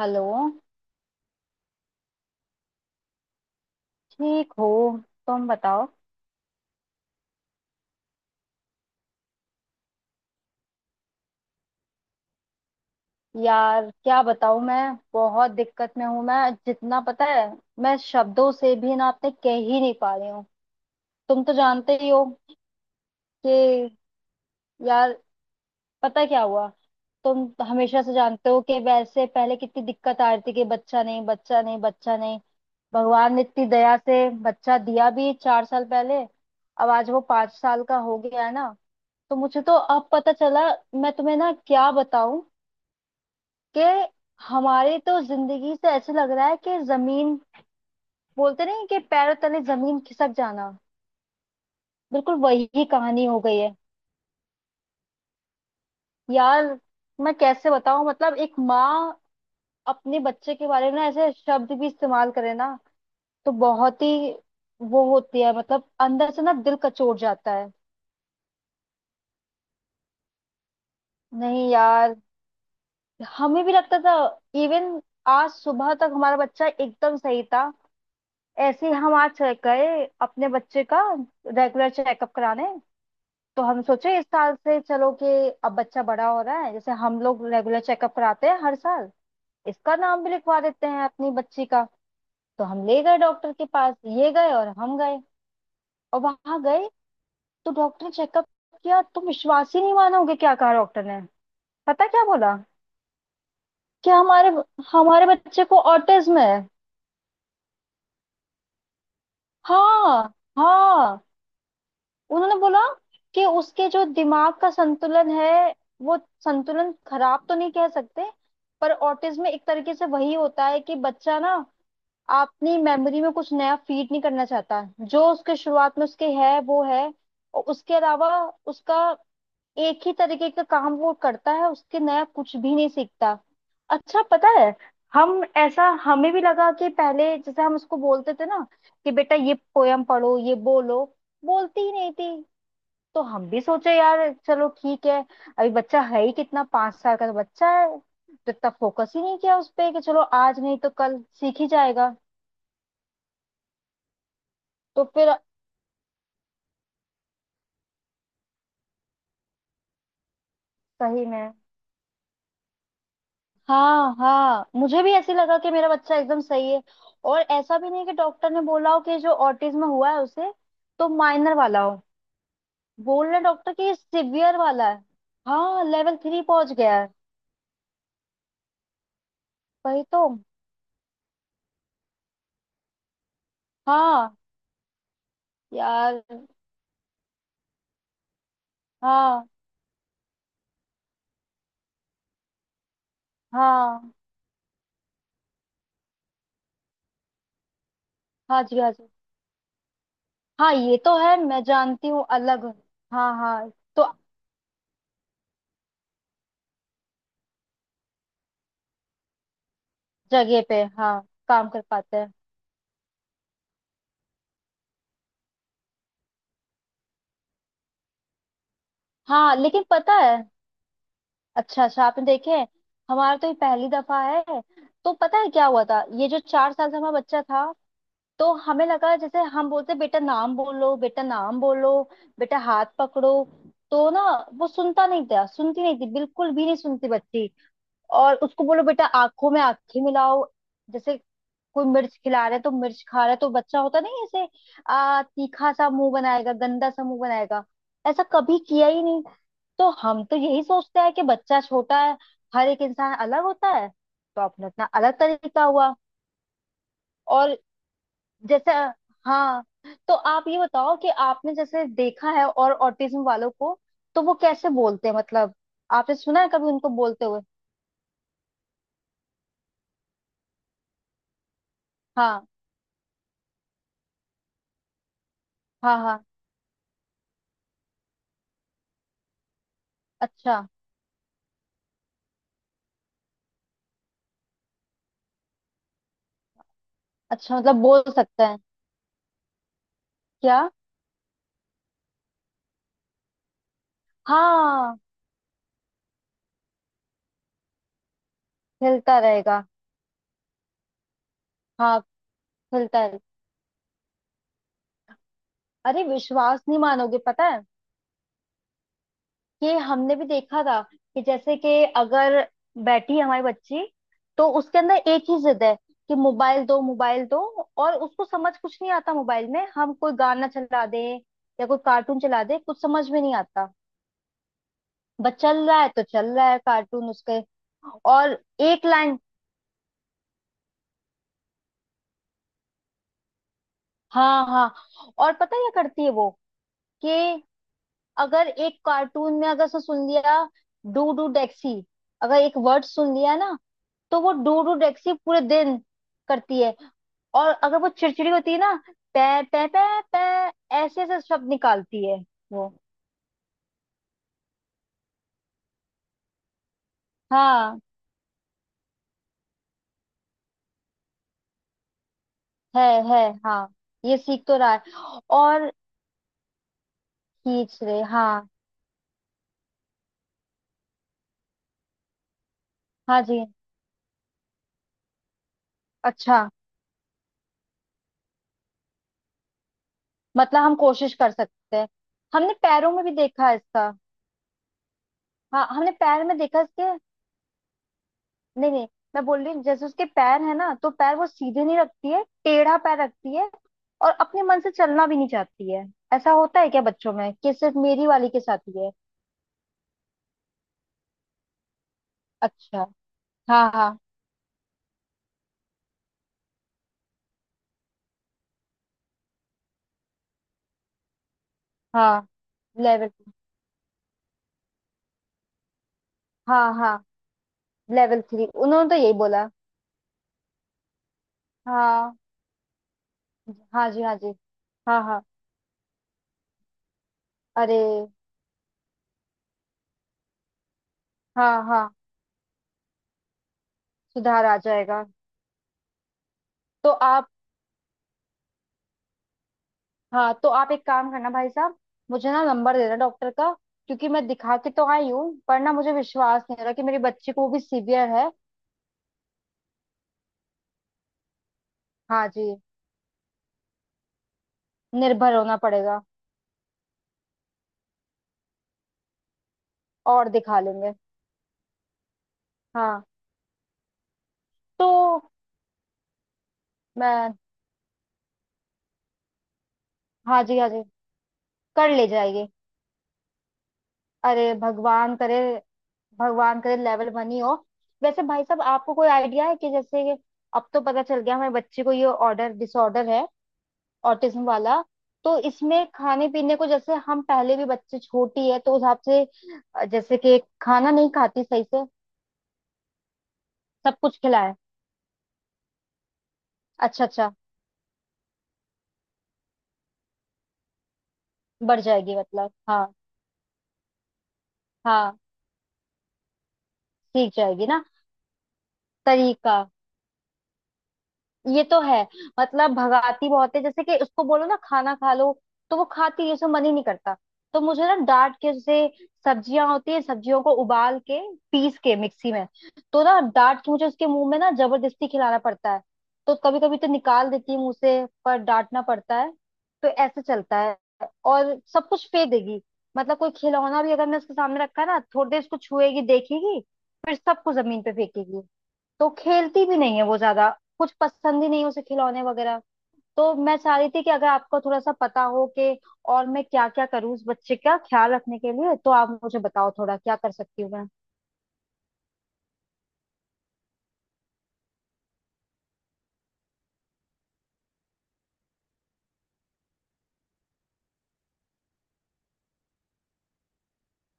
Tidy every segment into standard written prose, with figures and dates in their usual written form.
Hello. ठीक हो। तुम बताओ। यार क्या बताऊं मैं। बहुत दिक्कत में हूं। मैं जितना पता है मैं शब्दों से भी ना अपने कह ही नहीं पा रही हूँ। तुम तो जानते ही हो कि यार, पता क्या हुआ। तुम हमेशा से जानते हो कि वैसे पहले कितनी दिक्कत आ रही थी कि बच्चा नहीं, बच्चा नहीं, बच्चा नहीं। भगवान ने इतनी दया से बच्चा दिया भी 4 साल पहले। अब आज वो 5 साल का हो गया है ना। तो मुझे तो अब पता चला। मैं तुम्हें ना क्या बताऊं कि हमारी तो जिंदगी से ऐसे लग रहा है कि जमीन, बोलते नहीं कि पैरों तले जमीन खिसक जाना। बिल्कुल वही कहानी हो गई है। यार मैं कैसे बताऊं, मतलब एक माँ अपने बच्चे के बारे में ना ऐसे शब्द भी इस्तेमाल करे ना, तो बहुत ही वो होती है। मतलब अंदर से ना दिल कचोट जाता है। नहीं यार, हमें भी लगता था। इवन आज सुबह तक हमारा बच्चा एकदम सही था। ऐसे ही हम आज गए अपने बच्चे का रेगुलर चेकअप कराने। तो हम सोचे इस साल से चलो कि अब बच्चा बड़ा हो रहा है, जैसे हम लोग रेगुलर चेकअप कराते हैं हर साल, इसका नाम भी लिखवा देते हैं अपनी बच्ची का। तो हम ले गए डॉक्टर के पास, ये गए और हम गए और वहां गए। तो डॉक्टर ने चेकअप किया। तुम विश्वास ही नहीं मानोगे क्या कहा डॉक्टर ने, पता क्या बोला कि हमारे हमारे बच्चे को ऑटिज्म है। हाँ, हाँ, उन्होंने बोला कि उसके जो दिमाग का संतुलन है, वो संतुलन खराब तो नहीं कह सकते, पर ऑटिज्म में एक तरीके से वही होता है कि बच्चा ना अपनी मेमोरी में कुछ नया फीड नहीं करना चाहता। जो उसके शुरुआत में उसके है वो है, और उसके अलावा उसका एक ही तरीके का काम वो करता है, उसके नया कुछ भी नहीं सीखता। अच्छा, पता है, हम ऐसा हमें भी लगा कि पहले जैसे हम उसको बोलते थे ना कि बेटा ये पोयम पढ़ो, ये बोलो, बोलती ही नहीं थी। तो हम भी सोचे, यार चलो ठीक है, अभी बच्चा है ही कितना, 5 साल का तो बच्चा है, तो इतना फोकस ही नहीं किया उस पे कि चलो आज नहीं तो कल सीख ही जाएगा। तो फिर सही में, हाँ हाँ, मुझे भी ऐसे लगा कि मेरा बच्चा एकदम सही है। और ऐसा भी नहीं कि डॉक्टर ने बोला हो कि जो ऑटिज्म हुआ है उसे, तो माइनर वाला हो। बोल रहे डॉक्टर कि सिवियर वाला है। हाँ, लेवल 3 पहुंच गया है। वही तो। हाँ। यार। हाँ। हाँ। हाँ जी, हाँ जी। हाँ, ये तो है, मैं जानती हूँ, अलग। हाँ हाँ। तो जगह पे हाँ। काम कर पाते हैं। हाँ लेकिन पता है। अच्छा अच्छा, आपने देखे हैं। हमारा तो ये पहली दफा है। तो पता है क्या हुआ था, ये जो 4 साल का हमारा बच्चा था। तो हमें लगा जैसे हम बोलते बेटा नाम बोलो, बेटा नाम बोलो, बेटा हाथ पकड़ो, तो ना वो सुनता नहीं था, सुनती नहीं थी, बिल्कुल भी नहीं सुनती बच्ची। और उसको बोलो बेटा आंखों में आंखें मिलाओ। जैसे कोई मिर्च खिला रहे, तो मिर्च खा रहे तो बच्चा होता नहीं ऐसे, आ तीखा सा मुंह बनाएगा, गंदा सा मुंह बनाएगा, ऐसा कभी किया ही नहीं। तो हम तो यही सोचते हैं कि बच्चा छोटा है, हर एक इंसान अलग होता है तो अपना अपना अलग तरीका हुआ। और जैसे हाँ, तो आप ये बताओ कि आपने जैसे देखा है और ऑटिज्म वालों को, तो वो कैसे बोलते हैं, मतलब आपने सुना है कभी उनको बोलते हुए। हाँ, हाँ, हाँ। अच्छा, अच्छा, मतलब बोल सकते हैं। क्या। हाँ हिलता रहेगा। हाँ खुलता है। अरे विश्वास नहीं मानोगे, पता है कि हमने भी देखा था कि जैसे कि अगर बैठी है हमारी बच्ची, तो उसके अंदर एक ही जिद है कि मोबाइल दो, मोबाइल दो। और उसको समझ कुछ नहीं आता, मोबाइल में हम कोई गाना चला दें या कोई कार्टून चला दें, कुछ समझ में नहीं आता। बस चल रहा है तो चल रहा है कार्टून उसके। और एक लाइन। हाँ हाँ। और पता है क्या करती है वो, कि अगर एक कार्टून में अगर उसने सुन लिया डू डू डेक्सी, अगर एक वर्ड सुन लिया ना, तो वो डू डू डेक्सी पूरे दिन करती है। और अगर वो चिड़चिड़ी होती है ना, पै पै पै पै, ऐसे ऐसे शब्द निकालती है वो। हाँ। है, है। हाँ, ये सीख तो रहा है। और खींच रहे हाँ। हाँ जी। अच्छा, मतलब हम कोशिश कर सकते हैं। हमने पैरों में भी देखा है इसका। हाँ हमने पैर में देखा इसके। नहीं नहीं, मैं बोल रही हूँ जैसे उसके पैर है ना, तो पैर वो सीधे नहीं रखती है, टेढ़ा पैर रखती है। और अपने मन से चलना भी नहीं चाहती है। ऐसा होता है क्या बच्चों में कि सिर्फ मेरी वाली के साथ ही है। अच्छा। हाँ हाँ। हाँ लेवल। हाँ हाँ, लेवल 3, उन्होंने तो यही बोला। हाँ, हाँ जी, हाँ जी। हाँ हाँ। अरे। हाँ हाँ, सुधार आ जाएगा। तो आप, हाँ तो आप एक काम करना भाई साहब, मुझे ना नंबर दे देना डॉक्टर का। क्योंकि मैं दिखा के तो आई हूँ, पर ना मुझे विश्वास नहीं हो रहा कि मेरी बच्ची को वो भी सीवियर है। हाँ जी, निर्भर होना पड़ेगा। और दिखा लेंगे। हाँ। तो मैं, हाँ जी, हाँ जी, कर ले जाएगी। अरे भगवान करे, भगवान करे लेवल 1 ही हो। वैसे भाई साहब आपको कोई आइडिया है कि जैसे अब तो पता चल गया हमारी बच्ची को ये ऑर्डर डिसऑर्डर है, ऑटिज्म वाला। तो इसमें खाने पीने को, जैसे हम पहले भी बच्चे छोटी है तो उस हिसाब से, जैसे कि खाना नहीं खाती सही से, सब कुछ खिलाए। अच्छा अच्छा। बढ़ जाएगी, मतलब हाँ। हाँ सीख जाएगी ना। तरीका। ये तो है। मतलब भगाती बहुत है, जैसे कि उसको बोलो ना खाना खा लो, तो वो खाती है उसमें मन ही नहीं करता। तो मुझे ना डांट के, जैसे सब्जियां होती है, सब्जियों को उबाल के पीस के मिक्सी में, तो ना डांट के मुझे उसके मुंह में ना जबरदस्ती खिलाना पड़ता है। तो कभी कभी तो निकाल देती है मुंह से, पर डांटना पड़ता है। तो ऐसे चलता है। और सब कुछ फेंक देगी, मतलब कोई खिलौना भी अगर मैं उसके सामने रखा है ना, थोड़ी देर उसको छुएगी, देखेगी, फिर सबको जमीन पे फेंकेगी। तो खेलती भी नहीं है वो ज्यादा, कुछ पसंद ही नहीं है उसे खिलौने वगैरह। तो मैं चाह रही थी कि अगर आपको थोड़ा सा पता हो कि और मैं क्या क्या करूँ उस बच्चे का ख्याल रखने के लिए, तो आप मुझे बताओ थोड़ा क्या कर सकती हूँ मैं।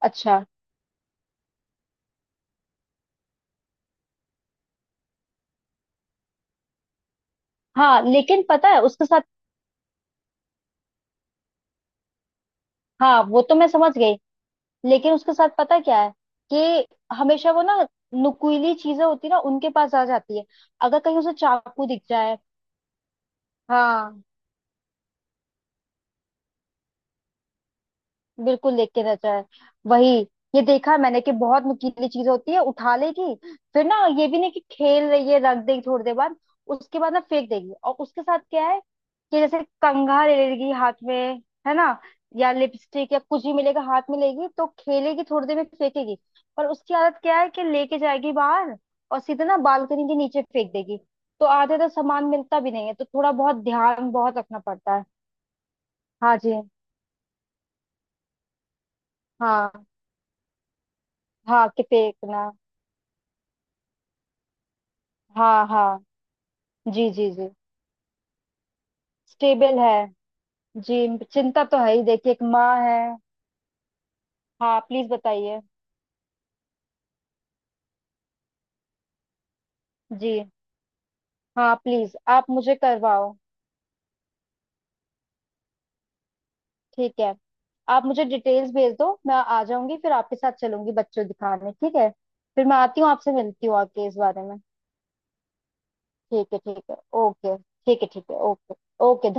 अच्छा, हाँ लेकिन पता है उसके साथ। हाँ वो तो मैं समझ गई, लेकिन उसके साथ पता क्या है कि हमेशा वो ना नुकीली चीजें होती है ना, उनके पास आ जाती है, अगर कहीं उसे चाकू दिख जाए। हाँ बिल्कुल, लेख के रचा है वही। ये देखा है मैंने कि बहुत नुकीली चीज होती है उठा लेगी, फिर ना ये भी नहीं कि खेल रही है रख देगी थोड़ी देर बाद, उसके बाद ना फेंक देगी। और उसके साथ क्या है कि जैसे कंघा ले लेगी हाथ में, है ना, या लिपस्टिक या कुछ भी मिलेगा हाथ में लेगी तो खेलेगी, थोड़ी देर में फेंकेगी। पर उसकी आदत क्या है कि लेके जाएगी बाहर और सीधे ना बालकनी के नीचे फेंक देगी। तो आधे तो सामान मिलता भी नहीं है, तो थोड़ा बहुत ध्यान बहुत रखना पड़ता है। हाँ जी। हाँ हाँ कि फेंकना। हाँ हाँ। जी जी जी, स्टेबल है। जी चिंता तो है ही, देखिए एक माँ है। हाँ प्लीज बताइए। जी हाँ, प्लीज आप मुझे करवाओ। ठीक है, आप मुझे डिटेल्स भेज दो, मैं आ जाऊंगी फिर आपके साथ चलूंगी बच्चों दिखाने। ठीक है, फिर मैं आती हूँ आपसे, मिलती हूँ आके इस बारे में। ठीक है, ठीक है, ओके, ठीक है, ठीक है, ओके, ओके।